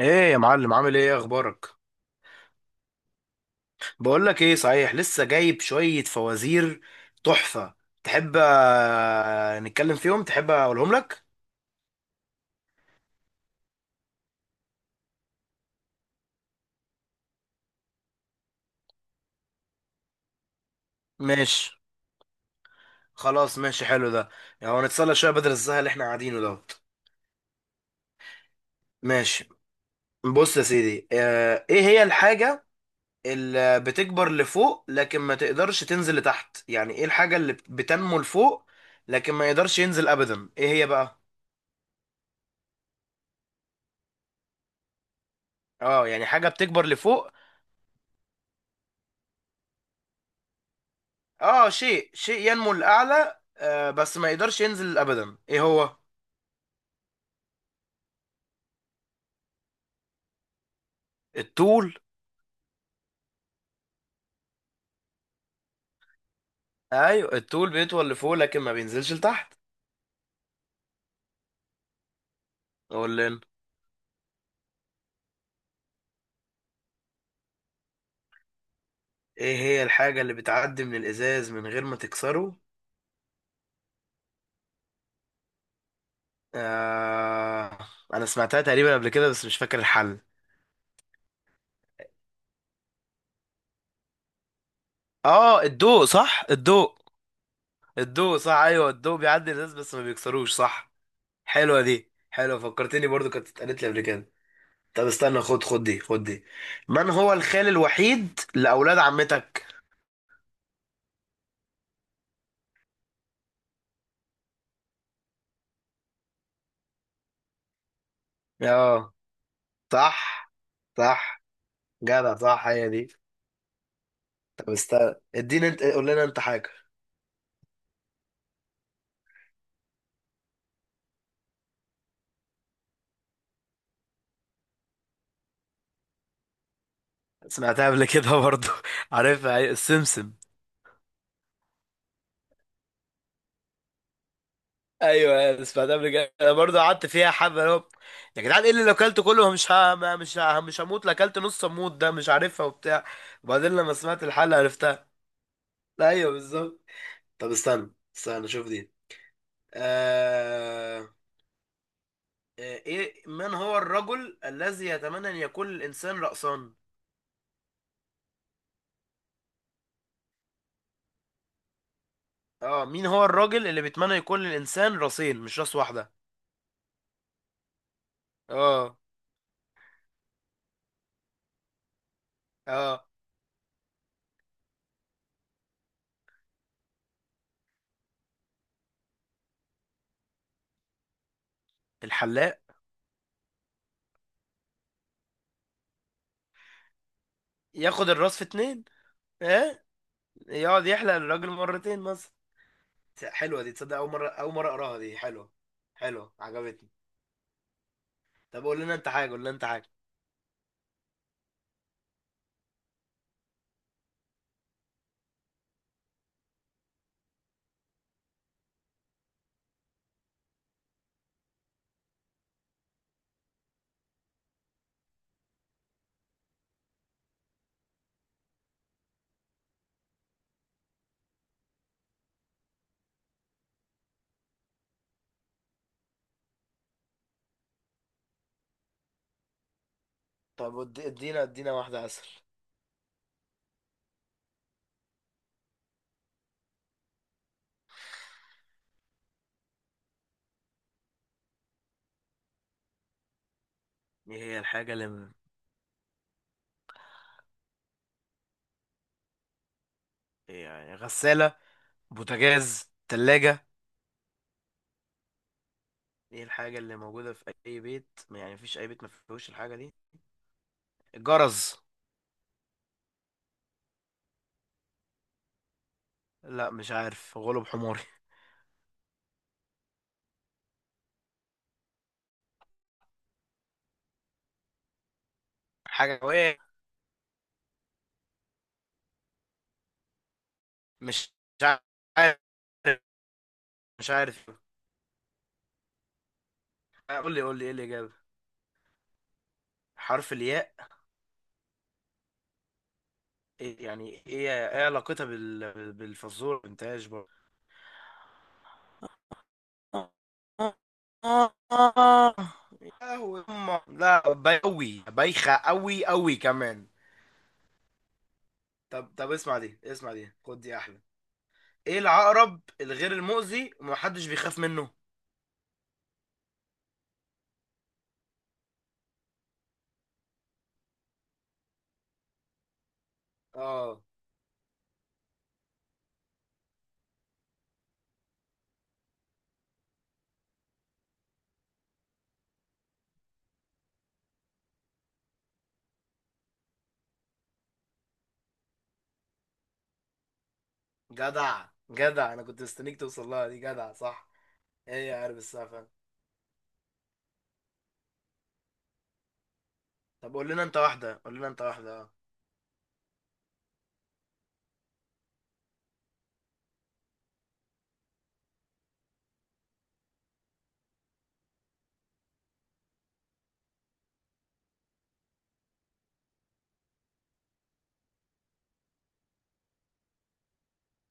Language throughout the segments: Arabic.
ايه يا معلم، عامل ايه؟ اخبارك؟ بقول لك ايه؟ صحيح لسه جايب شوية فوازير تحفة. تحب نتكلم فيهم؟ تحب اقولهم لك؟ ماشي. خلاص ماشي، حلو ده. يعني نتسلى شوية بدل الزهق اللي احنا قاعدينه دوت. ماشي. بص يا سيدي، ايه هي الحاجة اللي بتكبر لفوق لكن ما تقدرش تنزل لتحت؟ يعني ايه الحاجة اللي بتنمو لفوق لكن ما يقدرش ينزل ابدا؟ ايه هي بقى؟ اه، يعني حاجة بتكبر لفوق. اه، شيء ينمو للأعلى آه، بس ما يقدرش ينزل أبدا. ايه هو؟ الطول. ايوه الطول بيطول لفوق لكن ما بينزلش لتحت. اقول لنا. ايه هي الحاجة اللي بتعدي من الإزاز من غير ما تكسره؟ آه. انا سمعتها تقريبا قبل كده بس مش فاكر الحل. اه، الضوء، صح الضوء. الضوء صح، ايوه الضوء بيعدي الإزاز بس ما بيكسروش، صح. حلوة دي، حلوة. فكرتني برضو، كانت اتقالت لي قبل كده. طب استنى، خد دي، خد دي. من هو الخال الوحيد لأولاد عمتك؟ اه. صح. صح. جدع، صح، هي دي. طب استنى، اديني انت، قول لنا انت حاجة. سمعتها قبل كده برضو عارفها، أيوة، السمسم. ايوه أنا سمعتها قبل كده، انا برضو قعدت فيها حبه، اللي هو يا جدعان ايه اللي لو اكلته كله مش ها ما- مش ها مش هموت، لا اكلت نص اموت؟ ده مش عارفها وبتاع. وبعدين لما سمعت الحلقه عرفتها. ايوه بالظبط. طب استنى، شوف دي. آه... آه، ايه؟ من هو الرجل الذي يتمنى ان يكون الانسان رأسا؟ اه، مين هو الراجل اللي بيتمنى يكون للإنسان راسين مش راس واحدة؟ اه. اه، الحلاق. ياخد الراس في اتنين. اه، يقعد يحلق الراجل مرتين مثلا. حلوة دي، تصدق أول مرة، أول مرة أقراها، دي حلوة. حلوة عجبتني. طب قول لنا أنت حاجة، قول لنا أنت حاجة. طب ادينا، ادينا واحدة أسهل. إيه هي الحاجة يعني غسالة، بوتاجاز، تلاجة؟ إيه الحاجة اللي موجودة في أي بيت، يعني مفيش أي بيت مفيهوش الحاجة دي؟ الجرز. لا مش عارف، غلب حماري. حاجة. مش عارف. مش عارف. آه، قول لي، قول لي ايه الاجابه؟ حرف الياء. إيه- يعني ايه؟ ايه علاقتها بالفزوره انتاج برضه؟ يا هو أمه. لا بيوي، بايخه قوي، قوي كمان. طب طب اسمع دي، اسمع دي، خد دي احلى. ايه العقرب الغير المؤذي ومحدش بيخاف منه؟ اه. جدع جدع، انا كنت مستنيك توصل لها دي، جدع صح. هي عارف السقف. طب قول لنا انت واحدة، قول لنا انت واحدة، اه.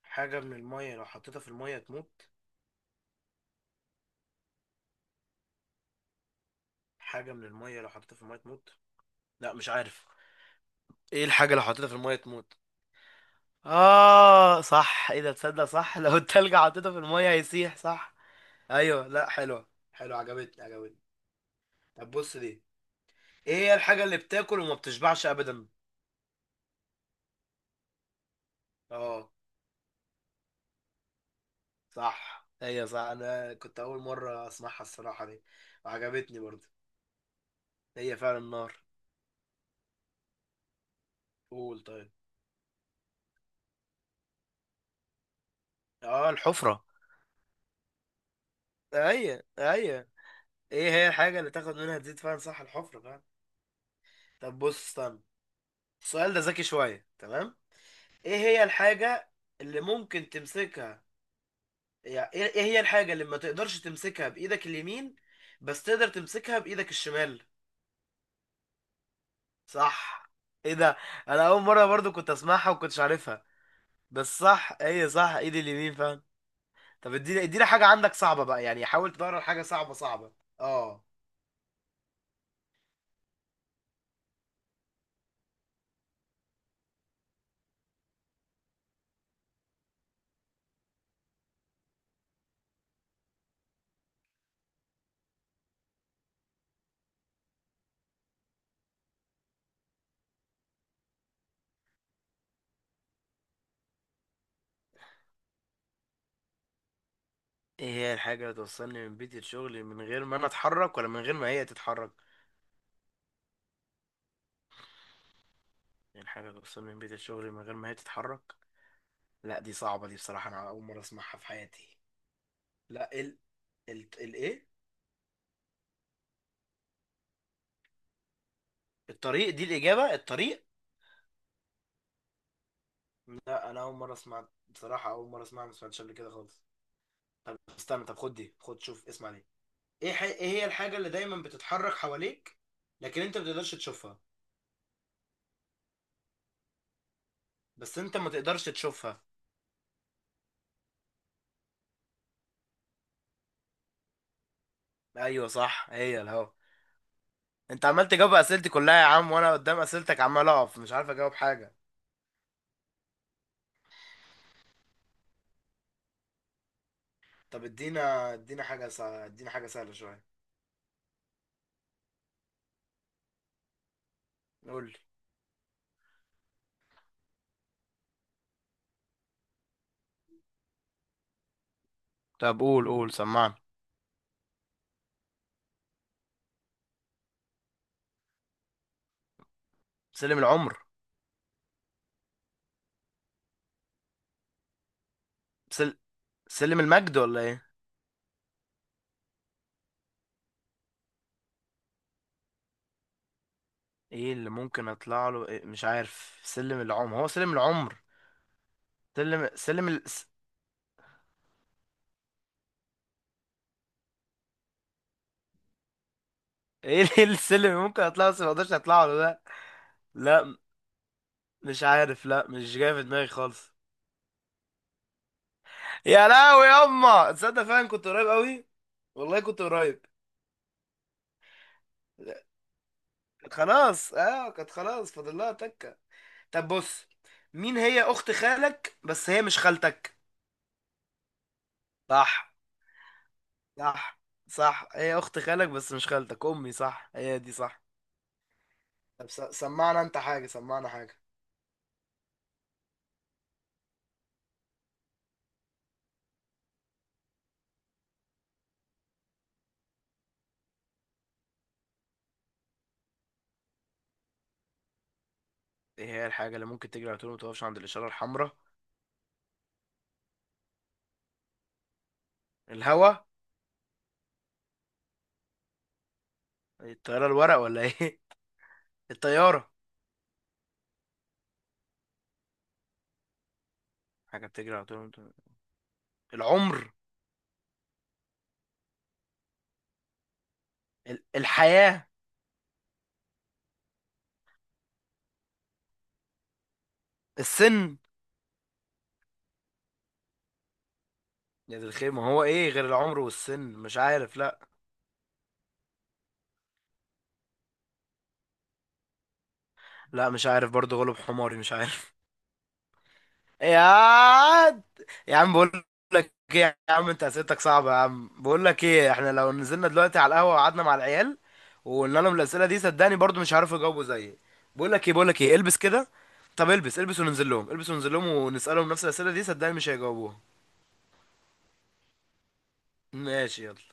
حاجة من المية لو حطيتها في المية تموت. حاجة من المية لو حطيتها في المية تموت. لا مش عارف. ايه الحاجة لو حطيتها في المية تموت؟ اه صح، ايه ده، تصدق صح. لو التلج حطيته في المية هيسيح، صح. ايوه، لا حلوة، حلوة، عجبتني عجبتني. طب بص دي. ايه هي الحاجة اللي بتاكل وما بتشبعش ابدا؟ اه صح، هي صح، انا كنت اول مرة اسمعها الصراحة دي وعجبتني برضه. هي فعلا النار. قول طيب. اه، الحفرة. ايوه ايوه. ايه هي الحاجة اللي تاخد منها تزيد فيها؟ صح، الحفرة بقى. طب بص، استنى، السؤال ده ذكي شوية، تمام. ايه هي الحاجة اللي ممكن تمسكها، يعني ايه، إيه هي الحاجة اللي ما تقدرش تمسكها بإيدك اليمين بس تقدر تمسكها بإيدك الشمال؟ صح. ايه ده، انا اول مرة برضو كنت اسمعها وكنتش عارفها. بس صح، ايه صح، ايدي اليمين فعلا. طب اديني، اديني حاجة عندك صعبة بقى، يعني حاول تدور على حاجة صعبة صعبة. اه. ايه هي الحاجة اللي توصلني من بيتي لشغلي من غير ما انا اتحرك، ولا من غير ما هي تتحرك؟ يعني حاجة توصل من بيت الشغل من غير ما هي تتحرك. لا دي صعبة، دي بصراحة أنا أول مرة أسمعها في حياتي. لا، ال، ال الإيه؟ الطريق دي الإجابة، الطريق. لا أنا أول مرة أسمع بصراحة، أول مرة أسمعها، ما سمعتش قبل كده خالص. طب استنى، طب خد دي، خد شوف، اسمع دي. إيه هي الحاجة اللي دايما بتتحرك حواليك لكن أنت ما تقدرش تشوفها؟ بس أنت ما تقدرش تشوفها. أيوه صح، هي الهوا. أنت عمال تجاوب أسئلتي كلها يا عم، وأنا قدام أسئلتك عمال أقف مش عارف أجاوب حاجة. طب ادينا، ادينا حاجة سهلة، ادينا حاجة سهلة شوية. قول لي. طب قول، قول، سمعني. سلم العمر. سل... سلم المجد، ولا ايه؟ ايه اللي ممكن اطلع له؟ إيه؟ مش عارف، سلم العمر، هو سلم العمر. سلم ايه إيه السلم اللي ممكن اطلعه بس ما اقدرش اطلعه له ده؟ لا مش عارف، لا مش جاي في دماغي خالص. يا لهوي يما، تصدق فعلا كنت قريب قوي، والله كنت قريب. خلاص اه، كانت خلاص فاضل لها تكه. طب بص، مين هي اخت خالك بس هي مش خالتك؟ صح. صح. صح، هي اخت خالك بس مش خالتك، امي، صح هي دي، صح. طب سمعنا انت حاجة، سمعنا حاجة. ايه هي الحاجة اللي ممكن تجري على طول ما تقفش عند الإشارة الحمراء؟ الهوا. الطيارة الورق، ولا ايه؟ الطيارة. حاجة بتجري على طول ما العمر. الحياة. السن. يا دي الخير، ما هو ايه غير العمر والسن؟ مش عارف، لا. لا مش عارف برضه، غلب حماري، مش عارف. يا عاد. يا عم بقول لك ايه يا عم، انت اسئلتك صعبه يا عم. بقول لك ايه، احنا لو نزلنا دلوقتي على القهوه وقعدنا مع العيال وقلنا لهم الاسئله دي، صدقني برضو مش هيعرفوا يجاوبوا زيي. بقول لك ايه، بقول لك ايه، البس كده، طب البس، البس وننزل لهم البس وننزل لهم ونسالهم نفس الاسئله دي، صدقني مش هيجاوبوها. ماشي يلا.